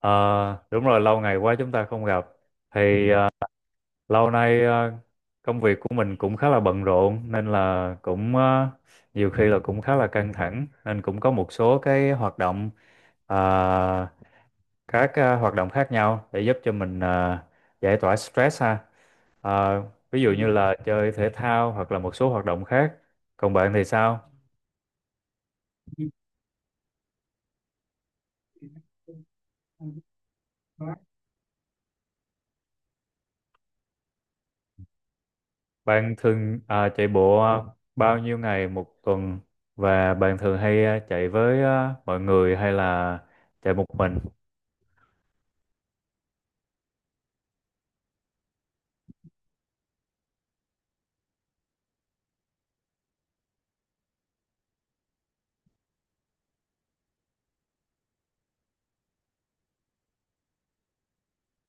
Ờ, đúng rồi, lâu ngày quá chúng ta không gặp. Thì lâu nay, công việc của mình cũng khá là bận rộn nên là cũng nhiều khi là cũng khá là căng thẳng, nên cũng có một số cái hoạt động ờ, các ờ, hoạt động khác nhau để giúp cho mình giải tỏa stress ha. Ờ, ví dụ như là chơi thể thao hoặc là một số hoạt động khác. Còn bạn thì sao? Bạn thường chạy bộ bao nhiêu ngày một tuần, và bạn thường hay chạy với mọi người hay là chạy một mình?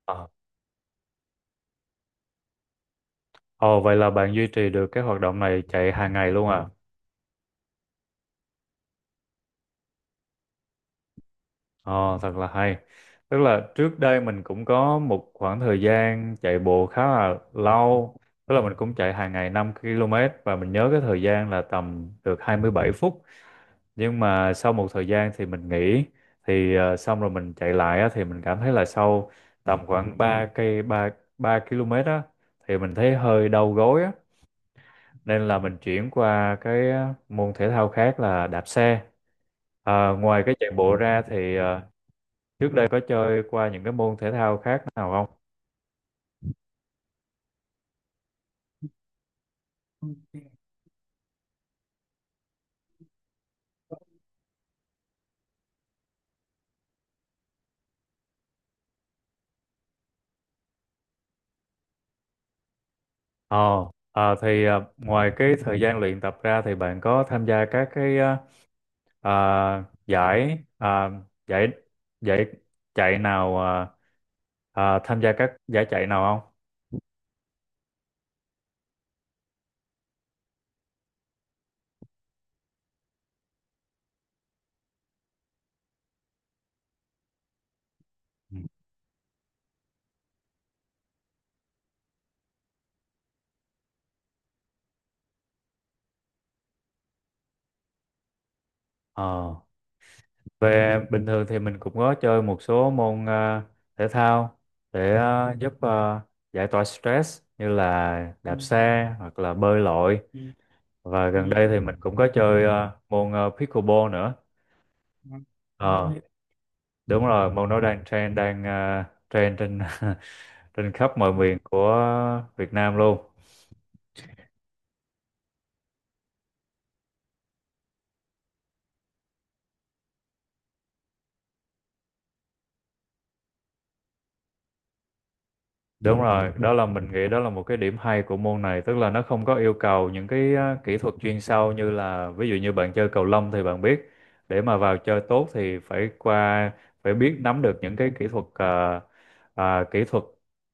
Ờ, Ồ, vậy là bạn duy trì được cái hoạt động này, chạy hàng ngày luôn à? Ồ, thật là hay. Tức là trước đây mình cũng có một khoảng thời gian chạy bộ khá là lâu. Tức là mình cũng chạy hàng ngày 5 km, và mình nhớ cái thời gian là tầm được 27 phút. Nhưng mà sau một thời gian thì mình nghỉ, thì xong rồi mình chạy lại á, thì mình cảm thấy là sau tầm khoảng 3 cây, 3 3 km á, thì mình thấy hơi đau gối á, nên là mình chuyển qua cái môn thể thao khác là đạp xe. Ngoài cái chạy bộ ra thì trước đây có chơi qua những cái môn thể thao khác nào không? Ờ, Ngoài cái thời gian luyện tập ra thì bạn có tham gia các cái ờ, Ờ, ờ, giải giải chạy nào ờ, ờ, tham gia các giải chạy nào không? Ừ. Ờ, về bình thường thì mình cũng có chơi một số môn thể thao để giúp giải tỏa stress, như là đạp xe hoặc là bơi lội. Và gần đây thì mình cũng có chơi môn pickleball nữa. Ờ, đúng rồi, môn đó đang trend, đang trend trên trên khắp mọi miền của Việt Nam luôn. Đúng rồi, đó là mình nghĩ đó là một cái điểm hay của môn này, tức là nó không có yêu cầu những cái kỹ thuật chuyên sâu, như là ví dụ như bạn chơi cầu lông thì bạn biết để mà vào chơi tốt thì phải biết nắm được những cái kỹ thuật, à, kỹ thuật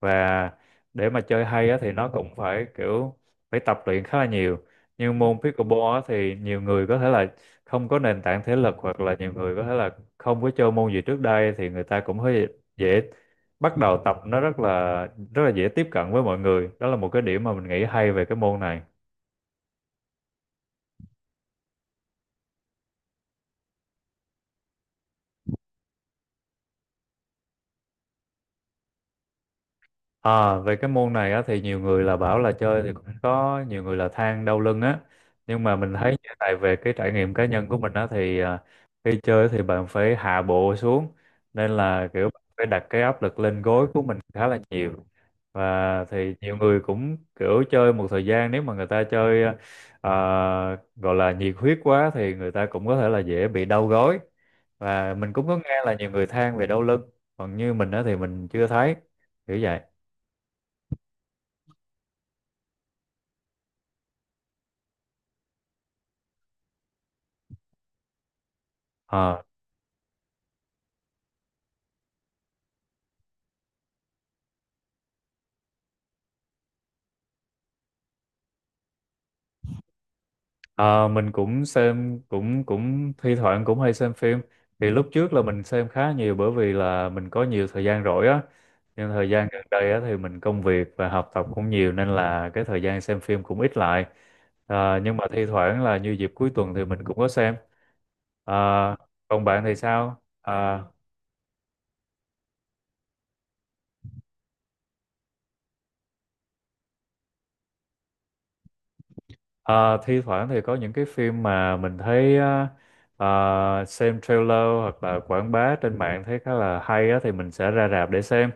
và để mà chơi hay á, thì nó cũng phải kiểu, phải tập luyện khá là nhiều. Nhưng môn pickleball á, thì nhiều người có thể là không có nền tảng thể lực, hoặc là nhiều người có thể là không có chơi môn gì trước đây thì người ta cũng hơi dễ bắt đầu tập. Nó rất là dễ tiếp cận với mọi người, đó là một cái điểm mà mình nghĩ hay về cái môn này. À, về cái môn này á, thì nhiều người là bảo là chơi thì cũng có nhiều người là than đau lưng á. Nhưng mà mình thấy như thế này, về cái trải nghiệm cá nhân của mình á, thì khi chơi thì bạn phải hạ bộ xuống, nên là kiểu bạn phải đặt cái áp lực lên gối của mình khá là nhiều. Và thì nhiều người cũng kiểu chơi một thời gian, nếu mà người ta chơi à, gọi là nhiệt huyết quá thì người ta cũng có thể là dễ bị đau gối. Và mình cũng có nghe là nhiều người than về đau lưng, còn như mình á thì mình chưa thấy kiểu vậy. Ờ, ờ, mình cũng xem, cũng cũng thi thoảng cũng hay xem phim. Thì lúc trước là mình xem khá nhiều, bởi vì là mình có nhiều thời gian rỗi á. Nhưng thời gian gần đây á thì mình công việc và học tập cũng nhiều, nên là cái thời gian xem phim cũng ít lại. Nhưng mà thi thoảng là như dịp cuối tuần thì mình cũng có xem. Ờ, còn bạn thì sao? Ờ, Ờ, thi thoảng thì có những cái phim mà mình thấy á, ờ, xem trailer hoặc là quảng bá trên mạng thấy khá là hay á, thì mình sẽ ra rạp để xem.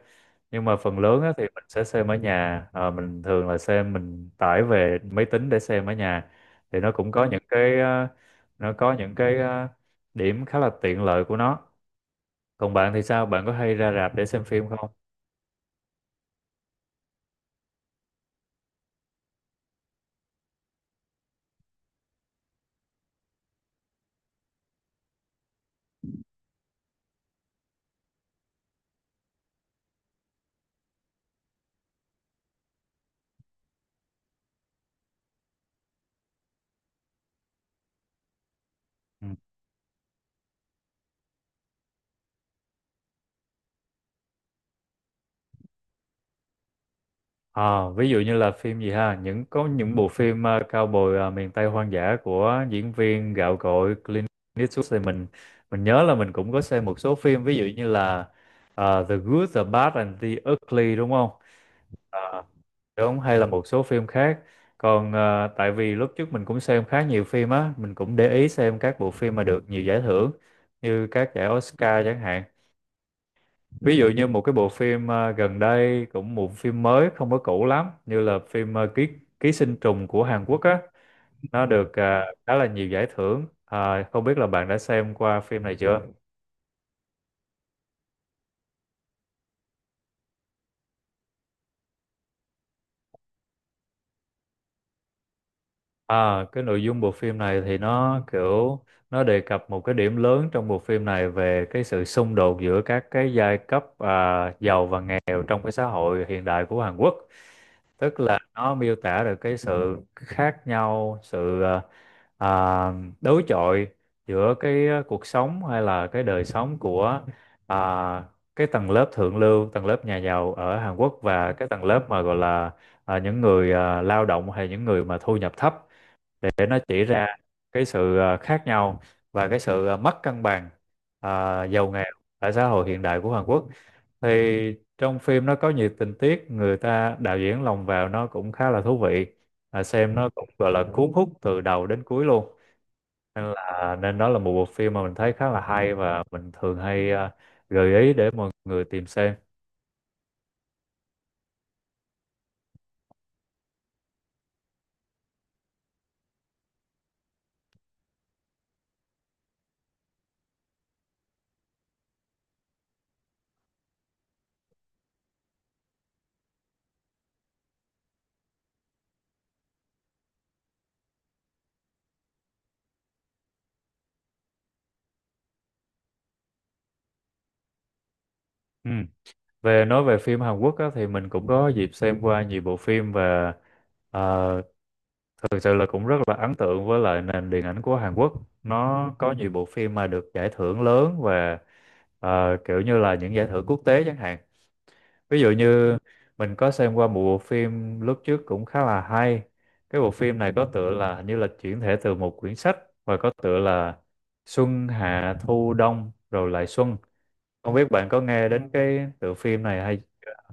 Nhưng mà phần lớn á, thì mình sẽ xem ở nhà. Ờ, mình thường là xem, mình tải về máy tính để xem ở nhà. Thì nó cũng có những cái ờ, nó có những cái ờ, điểm khá là tiện lợi của nó. Còn bạn thì sao, bạn có hay ra rạp để xem phim không? Ừ. À, ví dụ như là phim gì ha, có những bộ phim cao bồi miền Tây hoang dã của diễn viên gạo cội Clint Eastwood. Thì mình nhớ là mình cũng có xem một số phim, ví dụ như là The Good, The Bad and The Ugly, đúng không? À, đúng, hay là một số phim khác. Còn tại vì lúc trước mình cũng xem khá nhiều phim á, mình cũng để ý xem các bộ phim mà được nhiều giải thưởng, như các giải Oscar chẳng hạn. Ví dụ như một cái bộ phim gần đây, cũng một phim mới không có cũ lắm, như là phim ờ, ký ký sinh trùng của Hàn Quốc á. Nó được khá là nhiều giải thưởng. Không biết là bạn đã xem qua phim này chưa? Cái nội dung bộ phim này thì nó kiểu nó đề cập một cái điểm lớn trong bộ phim này về cái sự xung đột giữa các cái giai cấp, giàu và nghèo trong cái xã hội hiện đại của Hàn Quốc. Tức là nó miêu tả được cái sự khác nhau, sự à, đối chọi giữa cái cuộc sống hay là cái đời sống của à, cái tầng lớp thượng lưu, tầng lớp nhà giàu ở Hàn Quốc, và cái tầng lớp mà gọi là những người lao động hay những người mà thu nhập thấp. Để nó chỉ ra cái sự khác nhau và cái sự mất cân bằng giàu nghèo ở xã hội hiện đại của Hàn Quốc. Thì trong phim nó có nhiều tình tiết người ta đạo diễn lồng vào, nó cũng khá là thú vị. Xem nó cũng gọi là cuốn hút từ đầu đến cuối luôn. Nên đó là một bộ phim mà mình thấy khá là hay, và mình thường hay gợi ý để mọi người tìm xem. Ừ. Nói về phim Hàn Quốc á, thì mình cũng có dịp xem qua nhiều bộ phim và ờ, thực sự là cũng rất là ấn tượng với lại nền điện ảnh của Hàn Quốc. Nó có nhiều bộ phim mà được giải thưởng lớn, và kiểu như là những giải thưởng quốc tế chẳng hạn. Ví dụ như mình có xem qua một bộ phim lúc trước cũng khá là hay. Cái bộ phim này có tựa là, hình như là chuyển thể từ một quyển sách, và có tựa là Xuân Hạ Thu Đông rồi lại Xuân. Không biết bạn có nghe đến cái tựa phim này hay chưa?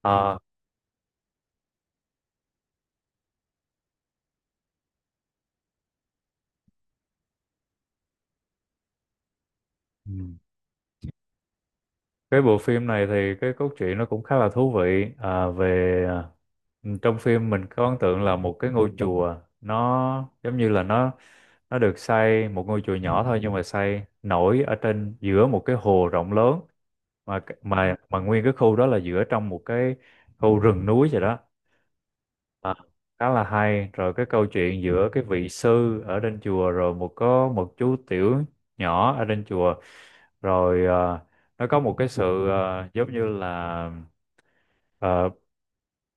Ờ. Ừ. Cái bộ phim này thì cái cốt truyện nó cũng khá là thú vị. Trong phim mình có ấn tượng là một cái ngôi chùa, nó giống như là nó được xây, một ngôi chùa nhỏ thôi nhưng mà xây nổi ở trên giữa một cái hồ rộng lớn, mà mà nguyên cái khu đó là giữa trong một cái khu rừng núi vậy đó. à, Khá là hay. Rồi cái câu chuyện giữa cái vị sư ở trên chùa, rồi có một chú tiểu nhỏ ở trên chùa. Rồi nó có một cái sự ờ,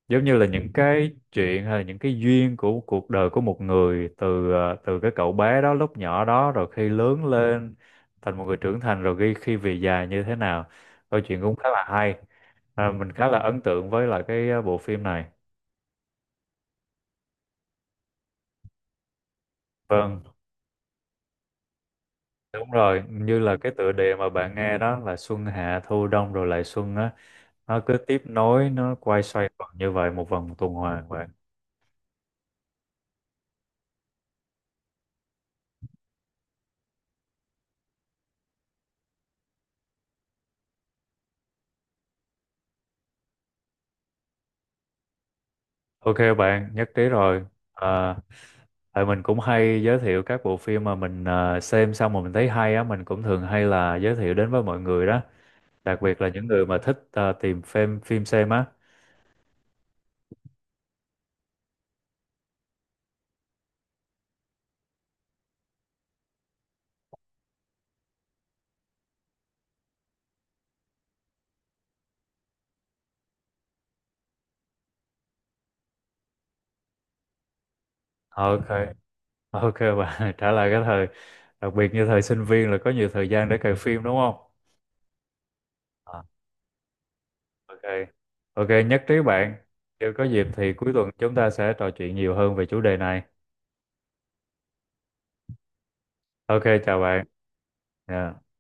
giống như là những cái chuyện, hay là những cái duyên của cuộc đời của một người, từ cái cậu bé đó lúc nhỏ đó, rồi khi lớn lên thành một người trưởng thành, rồi khi khi về già như thế nào. Câu chuyện cũng khá là hay. Mình khá là ấn tượng với lại cái bộ phim này. Vâng. Đúng rồi, như là cái tựa đề mà bạn nghe đó là Xuân Hạ Thu Đông rồi lại Xuân á. Nó cứ tiếp nối, nó quay xoay vòng như vậy, một vòng tuần hoàn vậy. Ok bạn, nhất trí rồi. À, tại mình cũng hay giới thiệu các bộ phim mà mình xem xong mà mình thấy hay á, mình cũng thường hay là giới thiệu đến với mọi người đó. Đặc biệt là những người mà thích tìm phim phim xem á. Ok, ok bạn, trả lại cái thời. Đặc biệt như thời sinh viên là có nhiều thời gian để cày phim, đúng không? À, ok, ok nhất trí bạn. Nếu có dịp thì cuối tuần chúng ta sẽ trò chuyện nhiều hơn về chủ đề này. Ok, chào bạn. Dạ.